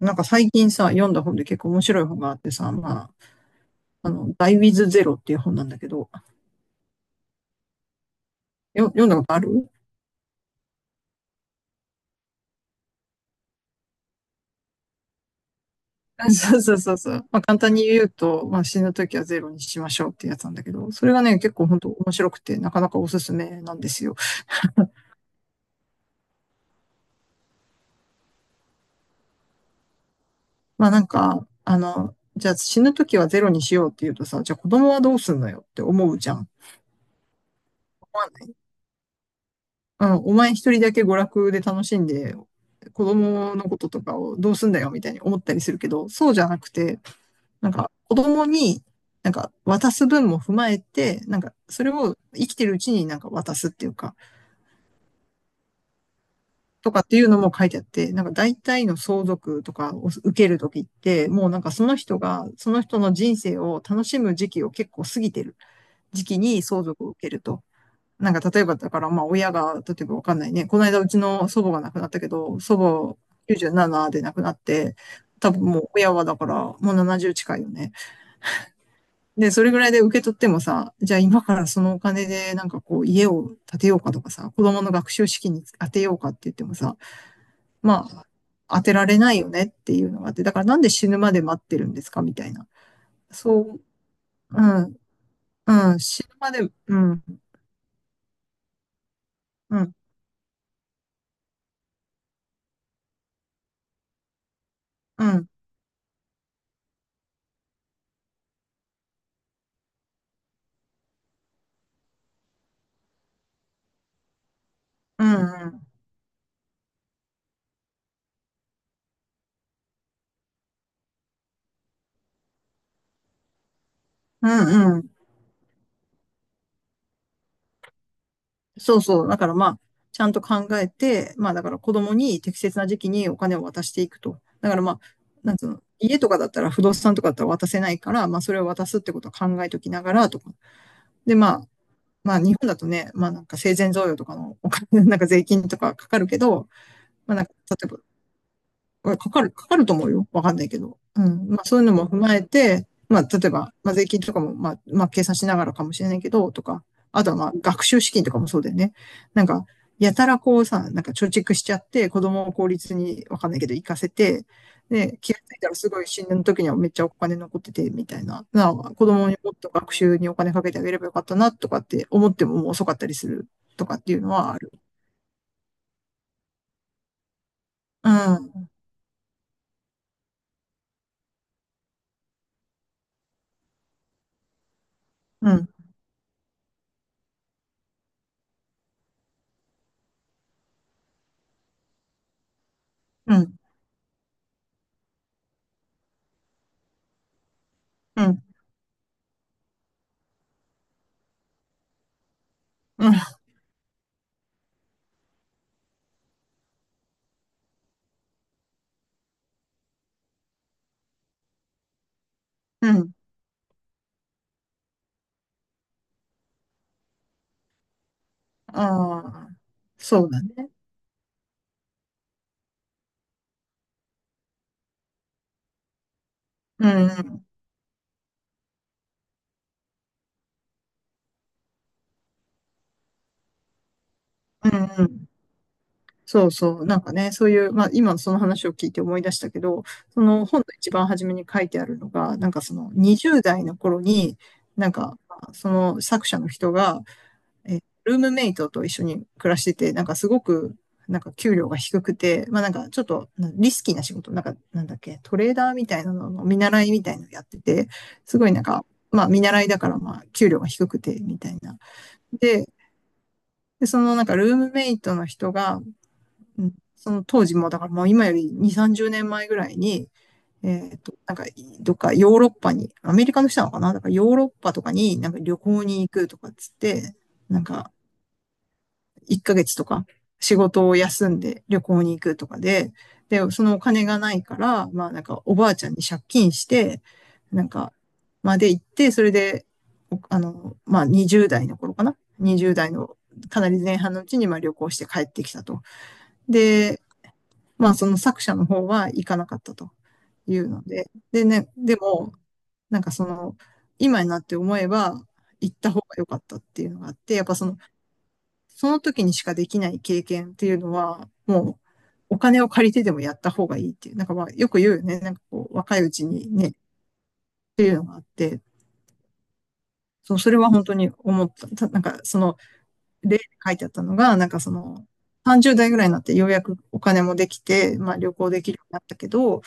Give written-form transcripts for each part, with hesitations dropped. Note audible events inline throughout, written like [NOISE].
なんか最近さ、読んだ本で結構面白い本があってさ、まあ、ダイウィズゼロっていう本なんだけど、読んだことある？ [LAUGHS] そうそうそうそう。まあ簡単に言うと、まあ死ぬときはゼロにしましょうってやつなんだけど、それがね、結構本当面白くて、なかなかおすすめなんですよ。まあなんか、じゃあ死ぬときはゼロにしようって言うとさ、じゃあ子供はどうすんのよって思うじゃん。思わない？うん、お前一人だけ娯楽で楽しんで、子供のこととかをどうすんだよみたいに思ったりするけど、そうじゃなくて、なんか子供になんか渡す分も踏まえて、なんかそれを生きてるうちになんか渡すっていうか、とかっていうのも書いてあって、なんか大体の相続とかを受けるときって、もうなんかその人が、その人の人生を楽しむ時期を結構過ぎてる時期に相続を受けると。なんか例えばだからまあ親が、例えばわかんないね、この間うちの祖母が亡くなったけど、祖母97で亡くなって、多分もう親はだからもう70近いよね。で、それぐらいで受け取ってもさ、じゃあ今からそのお金でなんかこう家を建てようかとかさ、子供の学習資金に当てようかって言ってもさ、まあ、当てられないよねっていうのがあって、だからなんで死ぬまで待ってるんですかみたいな。そう、うん、うん、死ぬまで、うん、うん、うん、うん、うん、うん、うん、そうそう。だからまあ、ちゃんと考えて、まあだから子供に適切な時期にお金を渡していくと。だからまあ、なんつうの、家とかだったら不動産とかだったら渡せないから、まあそれを渡すってことを考えときながらとか。でまあ、まあ日本だとね、まあなんか生前贈与とかのお金、なんか税金とかかかるけど、まあなんか例えばかかると思うよ。わかんないけど。うん。まあそういうのも踏まえて、まあ例えば、まあ税金とかも、まあ計算しながらかもしれないけど、とか、あとはまあ学習資金とかもそうだよね。なんか、やたらこうさ、なんか貯蓄しちゃって、子供を公立にわかんないけど行かせて、で、気がついたらすごい死ぬ時にはめっちゃお金残ってて、みたいな。子供にもっと学習にお金かけてあげればよかったな、とかって思ってももう遅かったりするとかっていうのはある。うん、うん、うん、うん、うん、うん。ああ、そうだね。うん、うん、うんうん、そうそう。なんかね、そういう、まあ今その話を聞いて思い出したけど、その本の一番初めに書いてあるのが、なんかその20代の頃に、なんかその作者の人が、ルームメイトと一緒に暮らしてて、なんかすごく、なんか給料が低くて、まあなんかちょっとリスキーな仕事、なんかなんだっけ、トレーダーみたいなのの見習いみたいなのやってて、すごいなんか、まあ見習いだからまあ給料が低くてみたいな。で、そのなんかルームメイトの人が、うん、その当時も、だからもう今より2、30年前ぐらいに、なんか、どっかヨーロッパに、アメリカの人なのかなだからヨーロッパとかになんか旅行に行くとかっつって、なんか、1ヶ月とか仕事を休んで旅行に行くとかで、で、そのお金がないから、まあなんかおばあちゃんに借金して、なんか、まあで行って、それで、まあ20代の頃かな？ 20 代のかなり前半のうちにまあ旅行して帰ってきたと。で、まあその作者の方は行かなかったというので、でね、でも、なんかその、今になって思えば行った方が良かったっていうのがあって、やっぱその時にしかできない経験っていうのは、もう、お金を借りてでもやった方がいいっていう、なんかまあ、よく言うよね。なんかこう、若いうちにね、っていうのがあって、そう、それは本当に思った。なんか、その、例で書いてあったのが、なんかその、30代ぐらいになってようやくお金もできて、まあ旅行できるようになったけど、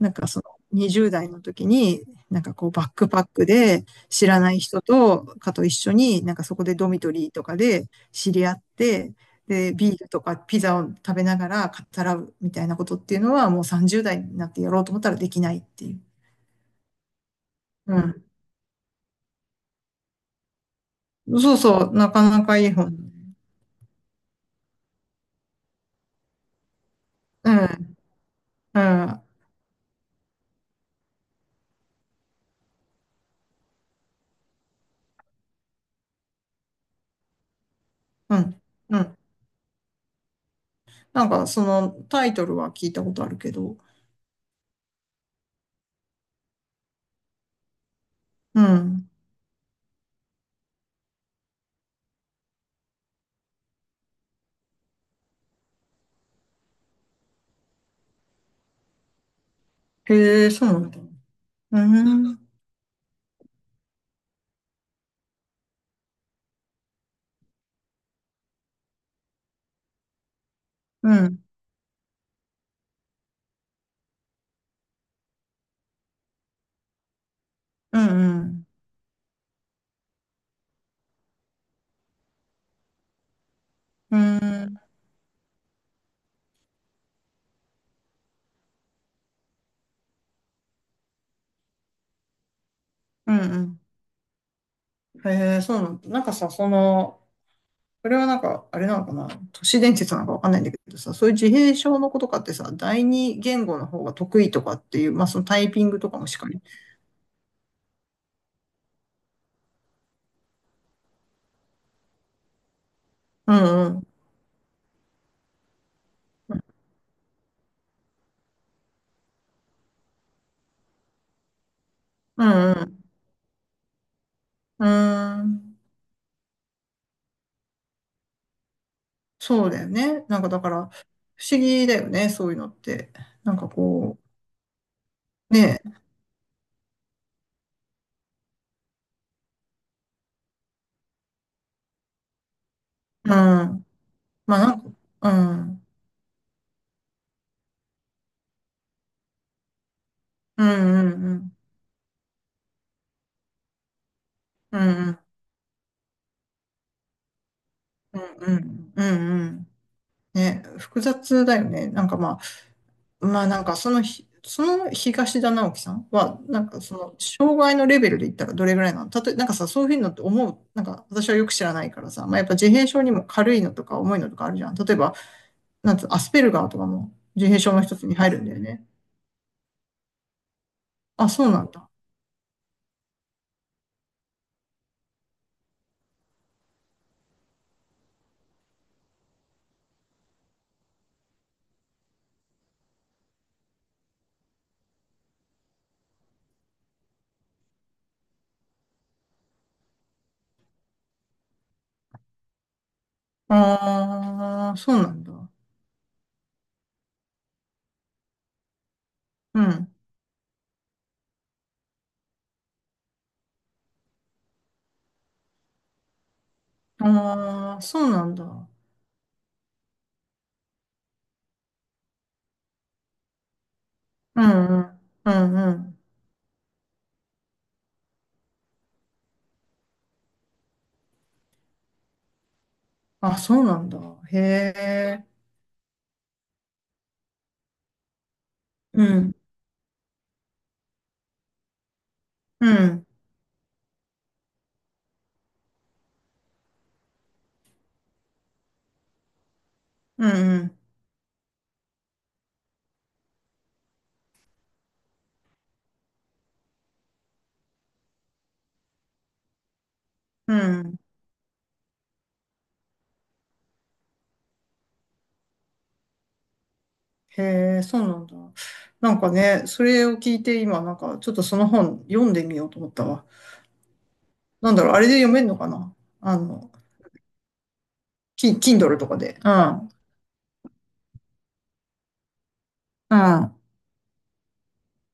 なんかその20代の時に、なんかこうバックパックで知らない人とかと一緒に、なんかそこでドミトリーとかで知り合って、で、ビールとかピザを食べながら語らうみたいなことっていうのはもう30代になってやろうと思ったらできないっていう。うん。そうそう、なかなかいい本。うん、うん、うん、うん。なんか、そのタイトルは聞いたことあるけど。うん。へえ、そうなんだ。うん。うん。うん。うん。うん。うんうん、へえ、そうなんだ。なんかさ、その、それはなんか、あれなのかな。都市伝説なのかわかんないんだけどさ、そういう自閉症の子とかってさ、第二言語の方が得意とかっていう、まあそのタイピングとかもしかり。うんうん。うんうん。うーん。そうだよね。なんかだから、不思議だよね、そういうのって。なんかこう、ねえ。うん。まあなんか、うん。うんうんうん。うんうんうんうんうん。ね、複雑だよね。なんかまあ、まあなんかそその東田直樹さんは、なんかその、障害のレベルで言ったらどれぐらいなの？例え、なんかさ、そういうのって思う、なんか私はよく知らないからさ、まあやっぱ自閉症にも軽いのとか重いのとかあるじゃん。例えば、なんつう、アスペルガーとかも自閉症の一つに入るんだよね。あ、そうなんだ。ああ、そうなんだ。うん。ああ、そうなんだ。うんうん。うんうん。あ、そうなんだ。へえ。うん。うん。うんうん。うん。へえ、そうなんだ。なんかね、それを聞いて今、なんかちょっとその本読んでみようと思ったわ。なんだろう、あれで読めるのかな？あの、Kindle とかで。うん。うん。